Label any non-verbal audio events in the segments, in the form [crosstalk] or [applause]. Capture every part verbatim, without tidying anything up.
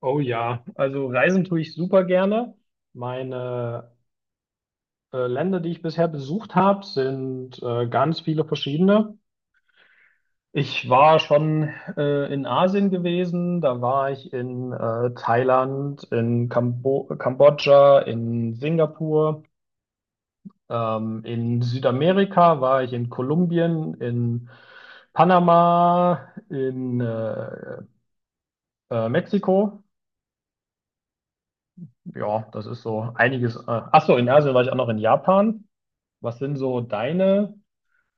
Oh ja, also reisen tue ich super gerne. Meine äh, Länder, die ich bisher besucht habe, sind äh, ganz viele verschiedene. Ich war schon äh, in Asien gewesen, da war ich in äh, Thailand, in Kambo Kambodscha, in Singapur, ähm, in Südamerika war ich in Kolumbien, in Panama, in äh, äh, Mexiko. Ja, das ist so einiges. Äh, ach so, in Asien war ich auch noch in Japan. Was sind so deine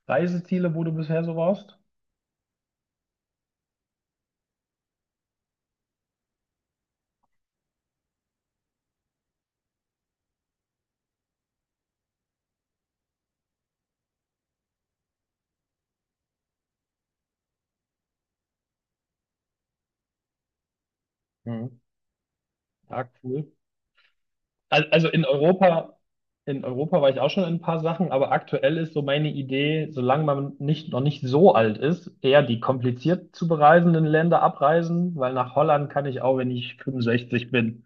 Reiseziele, wo du bisher so warst? Mhm. Ja, cool. Al- Also in Europa, in Europa war ich auch schon in ein paar Sachen, aber aktuell ist so meine Idee, solange man nicht, noch nicht so alt ist, eher die kompliziert zu bereisenden Länder abreisen, weil nach Holland kann ich auch, wenn ich fünfundsechzig bin.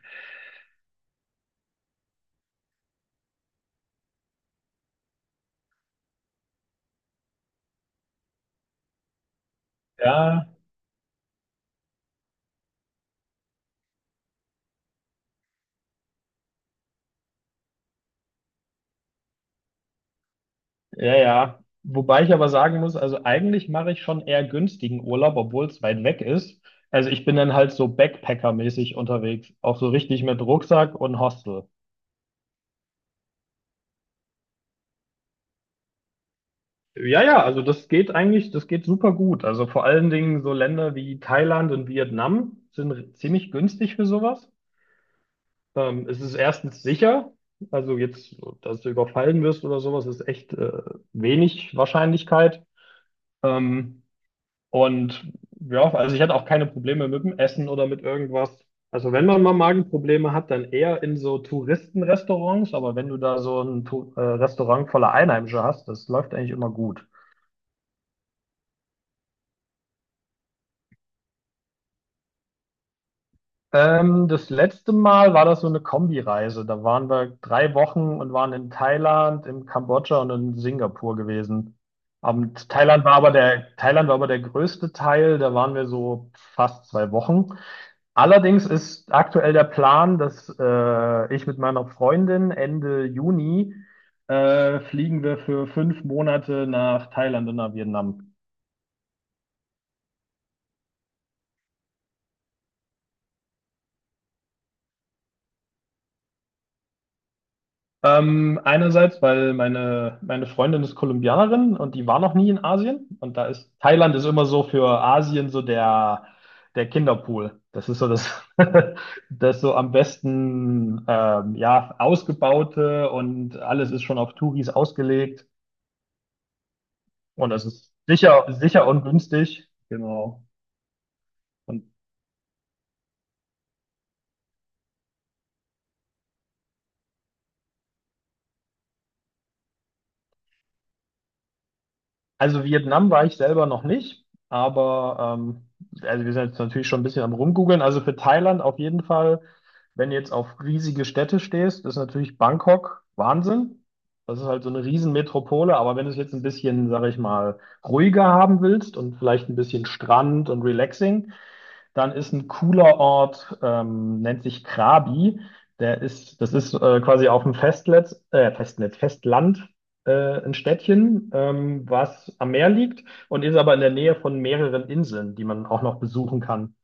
Ja, ja, ja. Wobei ich aber sagen muss, also eigentlich mache ich schon eher günstigen Urlaub, obwohl es weit weg ist. Also ich bin dann halt so Backpacker-mäßig unterwegs, auch so richtig mit Rucksack und Hostel. Ja, ja, also das geht eigentlich, das geht super gut. Also vor allen Dingen so Länder wie Thailand und Vietnam sind r- ziemlich günstig für sowas. Ähm, es ist erstens sicher, also jetzt, dass du überfallen wirst oder sowas, ist echt äh, wenig Wahrscheinlichkeit. Ähm, Und ja, also ich hatte auch keine Probleme mit dem Essen oder mit irgendwas. Also wenn man mal Magenprobleme hat, dann eher in so Touristenrestaurants, aber wenn du da so ein Tu- äh, Restaurant voller Einheimische hast, das läuft eigentlich immer gut. Ähm, das letzte Mal war das so eine Kombireise. Da waren wir drei Wochen und waren in Thailand, in Kambodscha und in Singapur gewesen. Ähm, Thailand war aber der, Thailand war aber der größte Teil, da waren wir so fast zwei Wochen. Allerdings ist aktuell der Plan, dass äh, ich mit meiner Freundin Ende Juni äh, fliegen wir für fünf Monate nach Thailand und nach Vietnam. Ähm, einerseits, weil meine, meine Freundin ist Kolumbianerin und die war noch nie in Asien. Und da ist Thailand ist immer so für Asien so der, der Kinderpool. Das ist so das, [laughs] das so am besten ähm, ja, ausgebaute und alles ist schon auf Touris ausgelegt. Und das ist sicher, sicher und günstig. Genau. Und also Vietnam war ich selber noch nicht, aber ähm, also wir sind jetzt natürlich schon ein bisschen am Rumgoogeln. Also für Thailand auf jeden Fall, wenn du jetzt auf riesige Städte stehst, ist natürlich Bangkok Wahnsinn. Das ist halt so eine Riesenmetropole, aber wenn du es jetzt ein bisschen, sag ich mal, ruhiger haben willst und vielleicht ein bisschen Strand und relaxing, dann ist ein cooler Ort, ähm, nennt sich Krabi. Der ist, das ist äh, quasi auf dem Festnetz, äh, Festnetz, Festland, äh, ein Städtchen, ähm, was am Meer liegt und ist aber in der Nähe von mehreren Inseln, die man auch noch besuchen kann.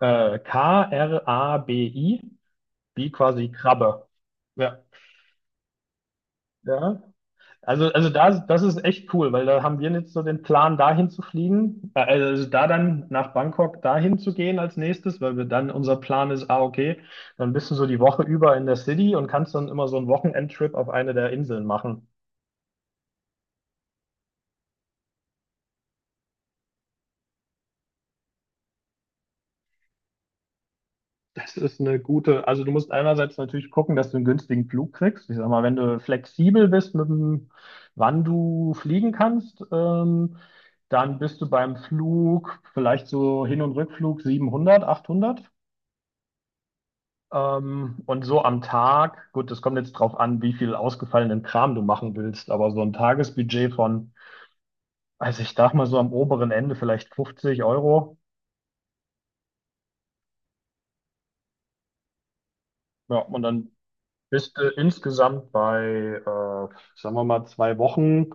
Äh, K-R-A-B-I, wie quasi Krabbe. Ja. Ja. Also, also da, das ist echt cool, weil da haben wir jetzt so den Plan, dahin zu fliegen, äh, also also da dann nach Bangkok dahin zu gehen als nächstes, weil wir dann unser Plan ist, ah, okay, dann bist du so die Woche über in der City und kannst dann immer so einen Wochenendtrip auf eine der Inseln machen. Das ist eine gute, also du musst einerseits natürlich gucken, dass du einen günstigen Flug kriegst. Ich sag mal, wenn du flexibel bist mit dem, wann du fliegen kannst, ähm, dann bist du beim Flug vielleicht so Hin- und Rückflug siebenhundert, achthundert. Ähm, und so am Tag, gut, das kommt jetzt drauf an, wie viel ausgefallenen Kram du machen willst, aber so ein Tagesbudget von, also ich sag mal so am oberen Ende vielleicht fünfzig Euro. Ja, und dann bist du insgesamt bei, äh, sagen wir mal, zwei Wochen,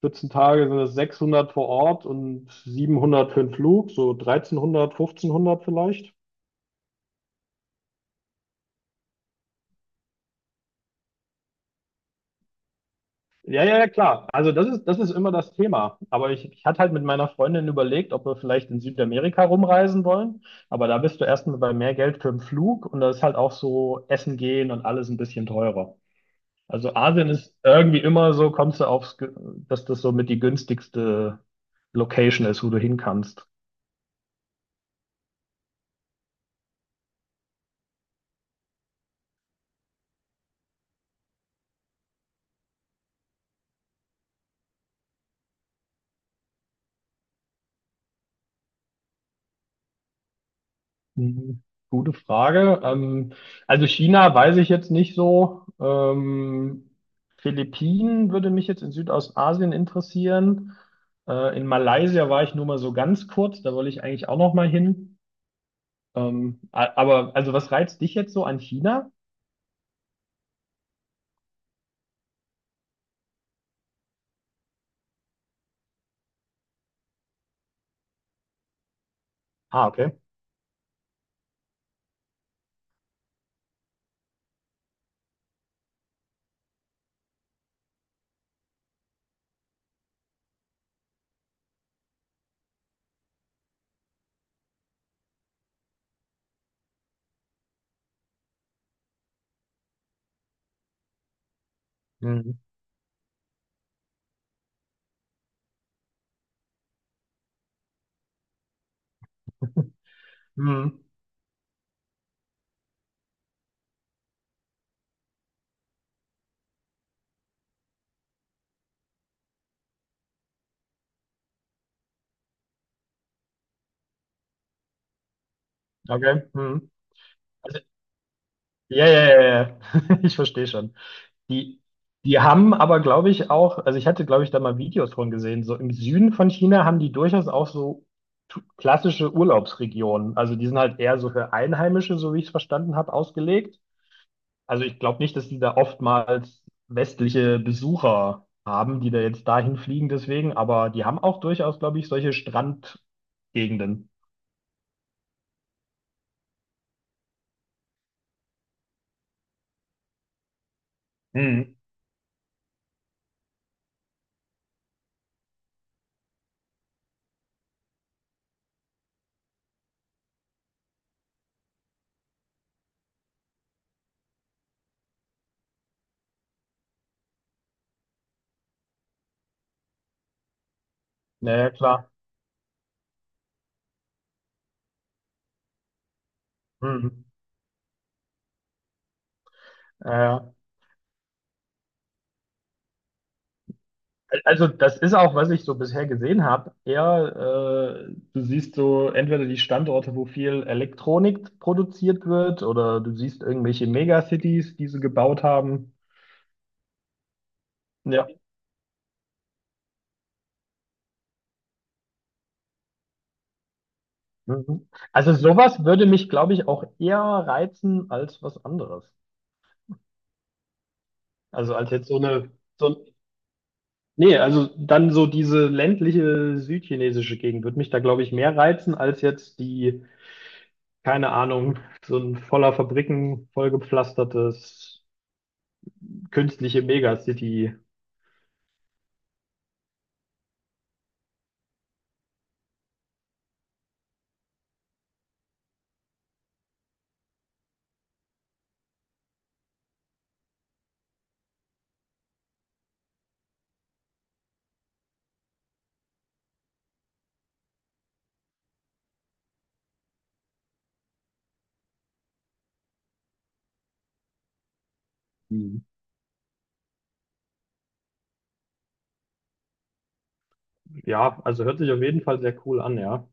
vierzehn Tage sind es sechshundert vor Ort und siebenhundert für den Flug, so dreizehnhundert, fünfzehnhundert vielleicht. Ja, ja, ja, klar. Also das ist, das ist immer das Thema. Aber ich, ich hatte halt mit meiner Freundin überlegt, ob wir vielleicht in Südamerika rumreisen wollen. Aber da bist du erstmal bei mehr Geld für den Flug und da ist halt auch so Essen gehen und alles ein bisschen teurer. Also Asien ist irgendwie immer so, kommst du aufs, Ge- dass das so mit die günstigste Location ist, wo du hin kannst. Mhm. Gute Frage. Ähm, also China weiß ich jetzt nicht so. Ähm, Philippinen würde mich jetzt in Südostasien interessieren. Äh, in Malaysia war ich nur mal so ganz kurz, da wollte ich eigentlich auch noch mal hin. Ähm, a- aber also was reizt dich jetzt so an China? Ah, okay. Mhm. Mhm. [laughs] Okay. Mhm. Ja, ja, ja, ja. [laughs] Ich verstehe schon. Die, die haben aber, glaube ich, auch, also ich hatte, glaube ich, da mal Videos von gesehen, so im Süden von China haben die durchaus auch so tu- klassische Urlaubsregionen. Also die sind halt eher so für Einheimische, so wie ich es verstanden habe, ausgelegt. Also ich glaube nicht, dass die da oftmals westliche Besucher haben, die da jetzt dahin fliegen deswegen, aber die haben auch durchaus, glaube ich, solche Strandgegenden. Hm. Naja, klar. Mhm. Ja, ja. Also das ist auch, was ich so bisher gesehen habe, eher, äh, du siehst so entweder die Standorte, wo viel Elektronik produziert wird, oder du siehst irgendwelche Megacities, die sie gebaut haben. Ja. Mhm. Also sowas würde mich, glaube ich, auch eher reizen als was anderes. Also als jetzt so eine, so ein, nee, also dann so diese ländliche südchinesische Gegend würde mich da, glaube ich, mehr reizen als jetzt die, keine Ahnung, so ein voller Fabriken, vollgepflastertes, künstliche Megacity. Mhm. Ja, also hört sich auf jeden Fall sehr cool an, ja.